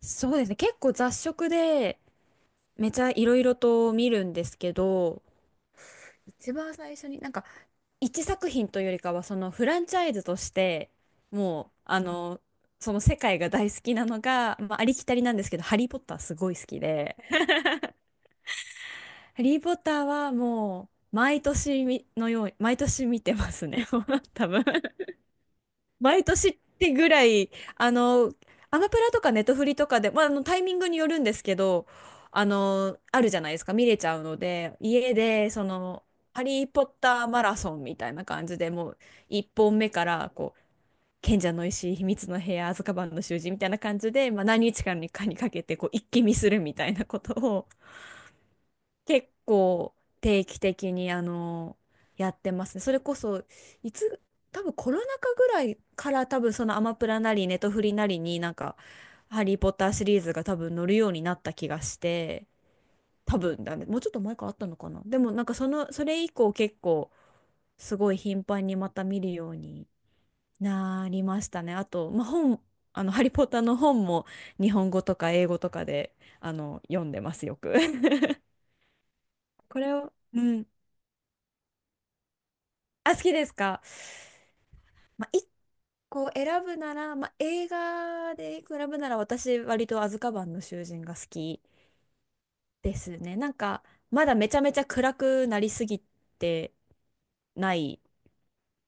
そうですね。結構雑食で、めちゃいろいろと見るんですけど、一番最初になんか、一作品というよりかは、そのフランチャイズとして、もう、その世界が大好きなのが、まあ、ありきたりなんですけど、ハリー・ポッターすごい好きで、ハリー・ポッターはもう、毎年みのように、毎年見てますね、もう多分。毎年ってぐらい、あの、アマプラとかネトフリとかで、まあ、あのタイミングによるんですけど、あるじゃないですか、見れちゃうので、家で、その、ハリー・ポッターマラソンみたいな感じでもう、1本目から、こう、賢者の石、秘密の部屋、アズカバンの囚人みたいな感じで、まあ、何日間にかにかけて、こう、一気見するみたいなことを、結構定期的にやってますね。それこそいつ多分コロナ禍ぐらいから多分そのアマプラなりねネトフリなりになんか「ハリー・ポッター」シリーズが多分乗るようになった気がして多分だねもうちょっと前からあったのかな。でもなんかそのそれ以降結構すごい頻繁にまた見るようになりましたね。あと、まあ、本あの「ハリー・ポッター」の本も日本語とか英語とかで読んでますよく。これを、うん。あ、好きですか。まあ、一個選ぶなら、まあ、映画で一個選ぶなら、私、割とアズカバンの囚人が好きですね。なんか、まだめちゃめちゃ暗くなりすぎてない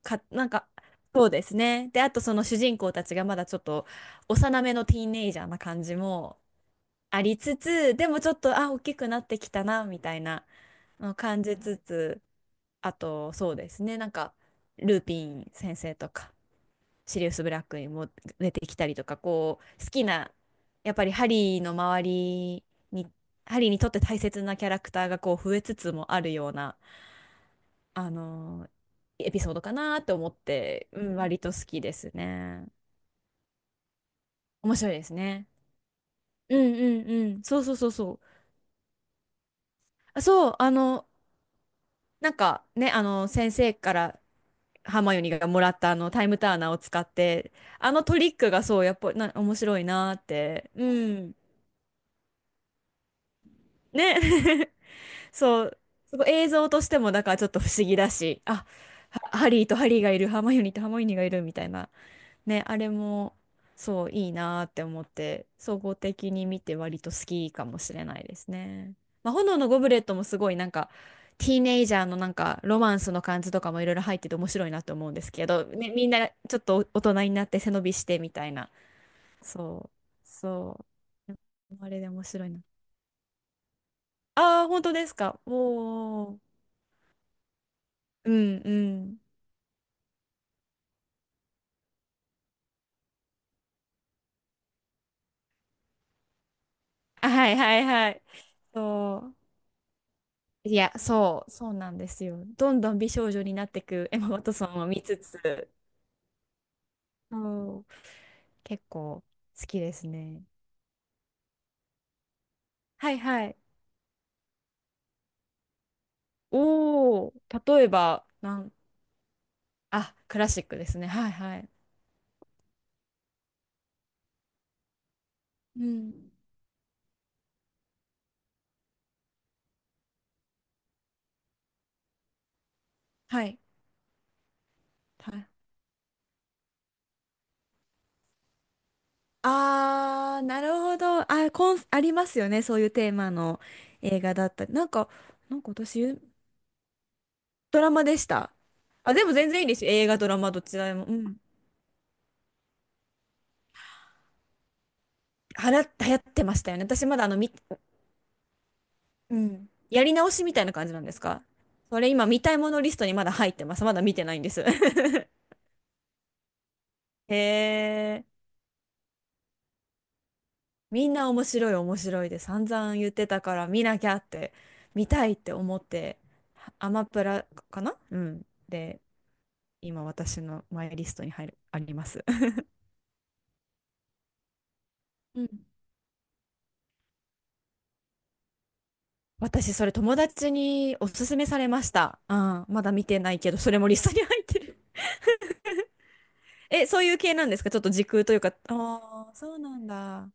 か、なんか、そうですね。で、あとその主人公たちがまだちょっと幼めのティーンエイジャーな感じもありつつ、でもちょっと、あ、大きくなってきたな、みたいなのを感じつつ、あと、そうですね。なんか、ルーピン先生とか。シリウス・ブラックにも出てきたりとかこう好きな、やっぱりハリーの周りにハリーにとって大切なキャラクターがこう増えつつもあるような、あのーエピソードかなと思って、うん、割と好きですね。面白いですね。うんうんうん。そうそうそうそう。あ、そう、なんかね、先生からハーマイオニーがもらったあのタイムターナーを使って、あのトリックがそう、やっぱりな面白いなーって。うん。ね。そう、すごい映像としてもだからちょっと不思議だし、あ、ハリーとハリーがいる、ハーマイオニーとハーマイオニーがいるみたいな、ね、あれもそういいなーって思って、総合的に見て割と好きかもしれないですね。まあ、炎のゴブレットもすごいなんか、ティーネイジャーのなんかロマンスの感じとかもいろいろ入ってて面白いなと思うんですけど、ね、みんなちょっと大人になって背伸びしてみたいな。そう。あれで面白いな。ああ、本当ですか。おお。うんうん。あ、はいはいはい。そう。いや、そうなんですよ。どんどん美少女になってく エマ・ワトソンを見つつ、そう、結構好きですね。はいはい。おー、例えば、あ、クラシックですね。はいはい。うん。はい。はい。あー、なるほど。あ、ありますよね。そういうテーマの映画だったり。なんか、なんか私、ドラマでした。あ、でも全然いいですよ。映画、ドラマ、どちらでも。うん。はら、流行ってましたよね。私まだあの、うん、やり直しみたいな感じなんですか。それ今見たいものリストにまだ入ってます。まだ見てないんです。へえ、みんな面白い面白いで散々言ってたから見なきゃって、見たいって思って、アマプラかな、うん。で、今私のマイリストに入る、あります。うん、私それ友達におすすめされました。うん、まだ見てないけど、それもリストに入ってる。え、そういう系なんですか。ちょっと時空というか。ああ、そうなんだ。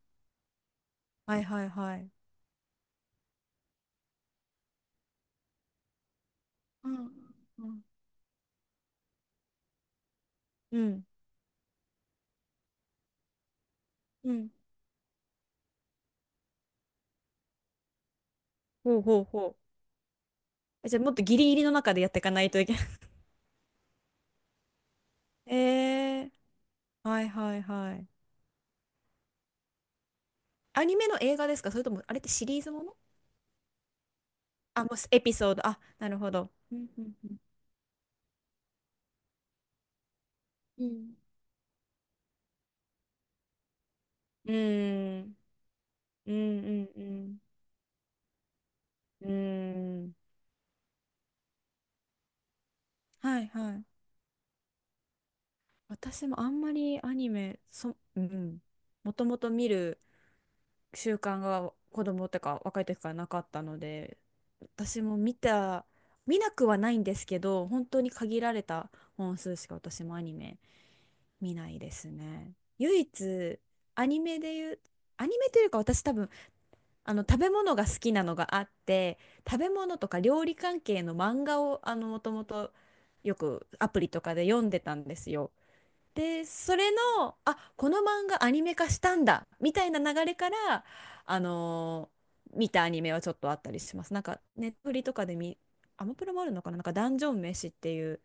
はいはいはい。うんうんうん。うん。ほうほうほう。え、じゃあもっとギリギリの中でやっていかないといけない。えー。はいはいはい。アニメの映画ですか、それとも、あれってシリーズもの。あ、もうエピソード。あ、なるほど。うんうんうん。うんうん。うんうんうん。うん。はいはい。私もあんまりアニメ、うん。もともと見る習慣が子供ってか若い時からなかったので、私も見た見なくはないんですけど、本当に限られた本数しか私もアニメ見ないですね。唯一、アニメで言うアニメというか、私多分、あの食べ物が好きなのがあって、食べ物とか料理関係の漫画をあのもともとよくアプリとかで読んでたんですよ。で、それの、あ、この漫画アニメ化したんだ、みたいな流れから、あのー見たアニメはちょっとあったりします。なんか、ネットフリとかで見、アマプラもあるのかな、なんか、ダンジョン飯っていう、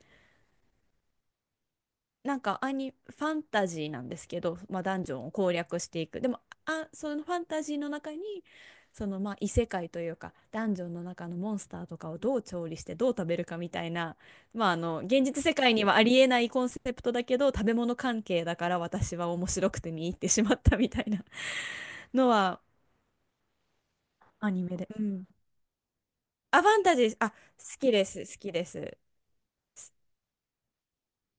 なんかアニ、ファンタジーなんですけど、まあ、ダンジョンを攻略していく。でも、あ、そのファンタジーの中に、そのまあ異世界というか、ダンジョンの中のモンスターとかをどう調理してどう食べるかみたいな、まああの、現実世界にはありえないコンセプトだけど、食べ物関係だから私は面白くて見入ってしまったみたいなのは、アニメで。うん。あ、ファンタジー、あ、好きです。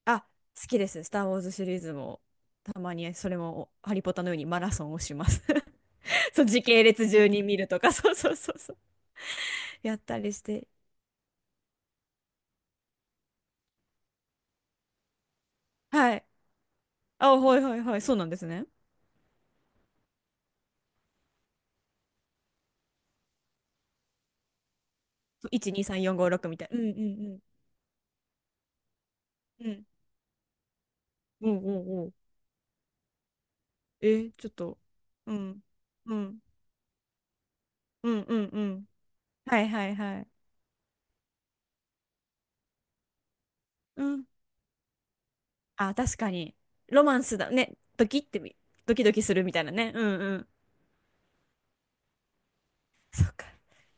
あ、好きです。スター・ウォーズシリーズも、たまにそれも、ハリポタのようにマラソンをします。そう、時系列順に見るとか、そうそうそうそう。やったりして。はい。あ、はいはいはい。そうなんですね。そう、1、2、3、4、5、6みたいな。うんうんうん。うん。うんうんうん。えー、ちょっと。うん。うん。うんうんうん。はいはいはい。うん。あ、確かに。ロマンスだね。ドキドキするみたいなね。うんうん。そっか。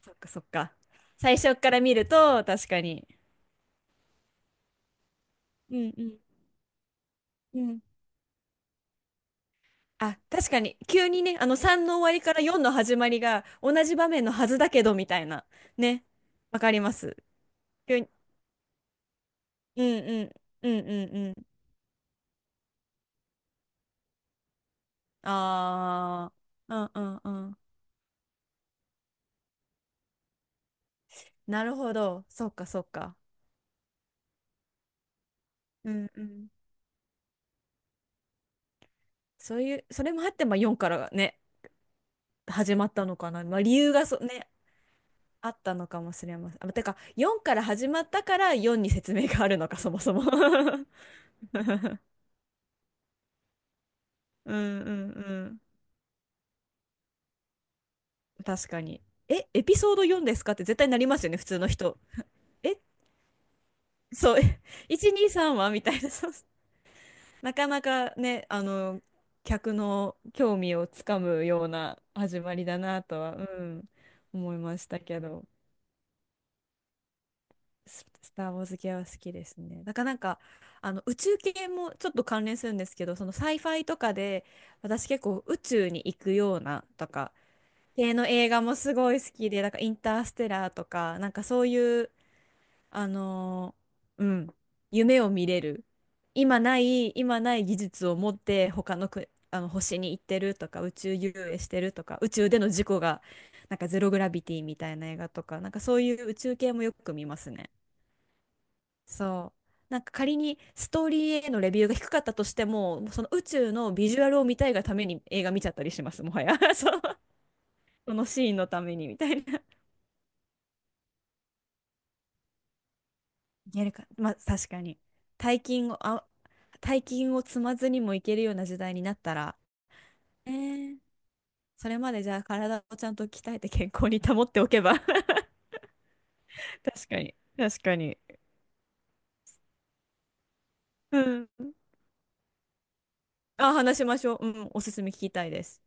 そっかそっか。最初から見ると、確かに。うんうん。うん、あ、確かに、急にね、あの3の終わりから4の始まりが同じ場面のはずだけど、みたいな。ね。わかります。急に。うんうん。うんうんうん。ああ。うんうんうん。なるほど。そっかそっか。うんうん。そういう、それもあって、まあ4からね、始まったのかな。まあ理由がね、あったのかもしれません。あ、てか、4から始まったから4に説明があるのか、そもそも。うんうんうん。確かに。え、エピソード4ですかって絶対なりますよね、普通の人。え、そう、え、123はみたいな。そう。 なかなかね、あの、客の興味をつかむような始まりだなとは、うん、思いましたけど、スター・ウォーズ系は好きですね。だからなんか、あの、宇宙系もちょっと関連するんですけど、そのサイファイとかで、私結構宇宙に行くようなとか、系の映画もすごい好きで、なんかインターステラーとか、なんかそういうあのーうん、夢を見れる。今ない技術を持って他のく、あの星に行ってるとか、宇宙遊泳してるとか、宇宙での事故が、なんかゼログラビティみたいな映画とか、なんかそういう宇宙系もよく見ますね。そう。なんか仮にストーリーへのレビューが低かったとしても、もうその宇宙のビジュアルを見たいがために映画見ちゃったりします、もはや。そう。そのシーンのためにみたいな。いけるか。まあ、確かに。大金を、あ、大金を積まずにもいけるような時代になったら、えー、それまでじゃあ体をちゃんと鍛えて健康に保っておけば 確かに。確かに。うん。あ、話しましょう。うん、おすすめ聞きたいです。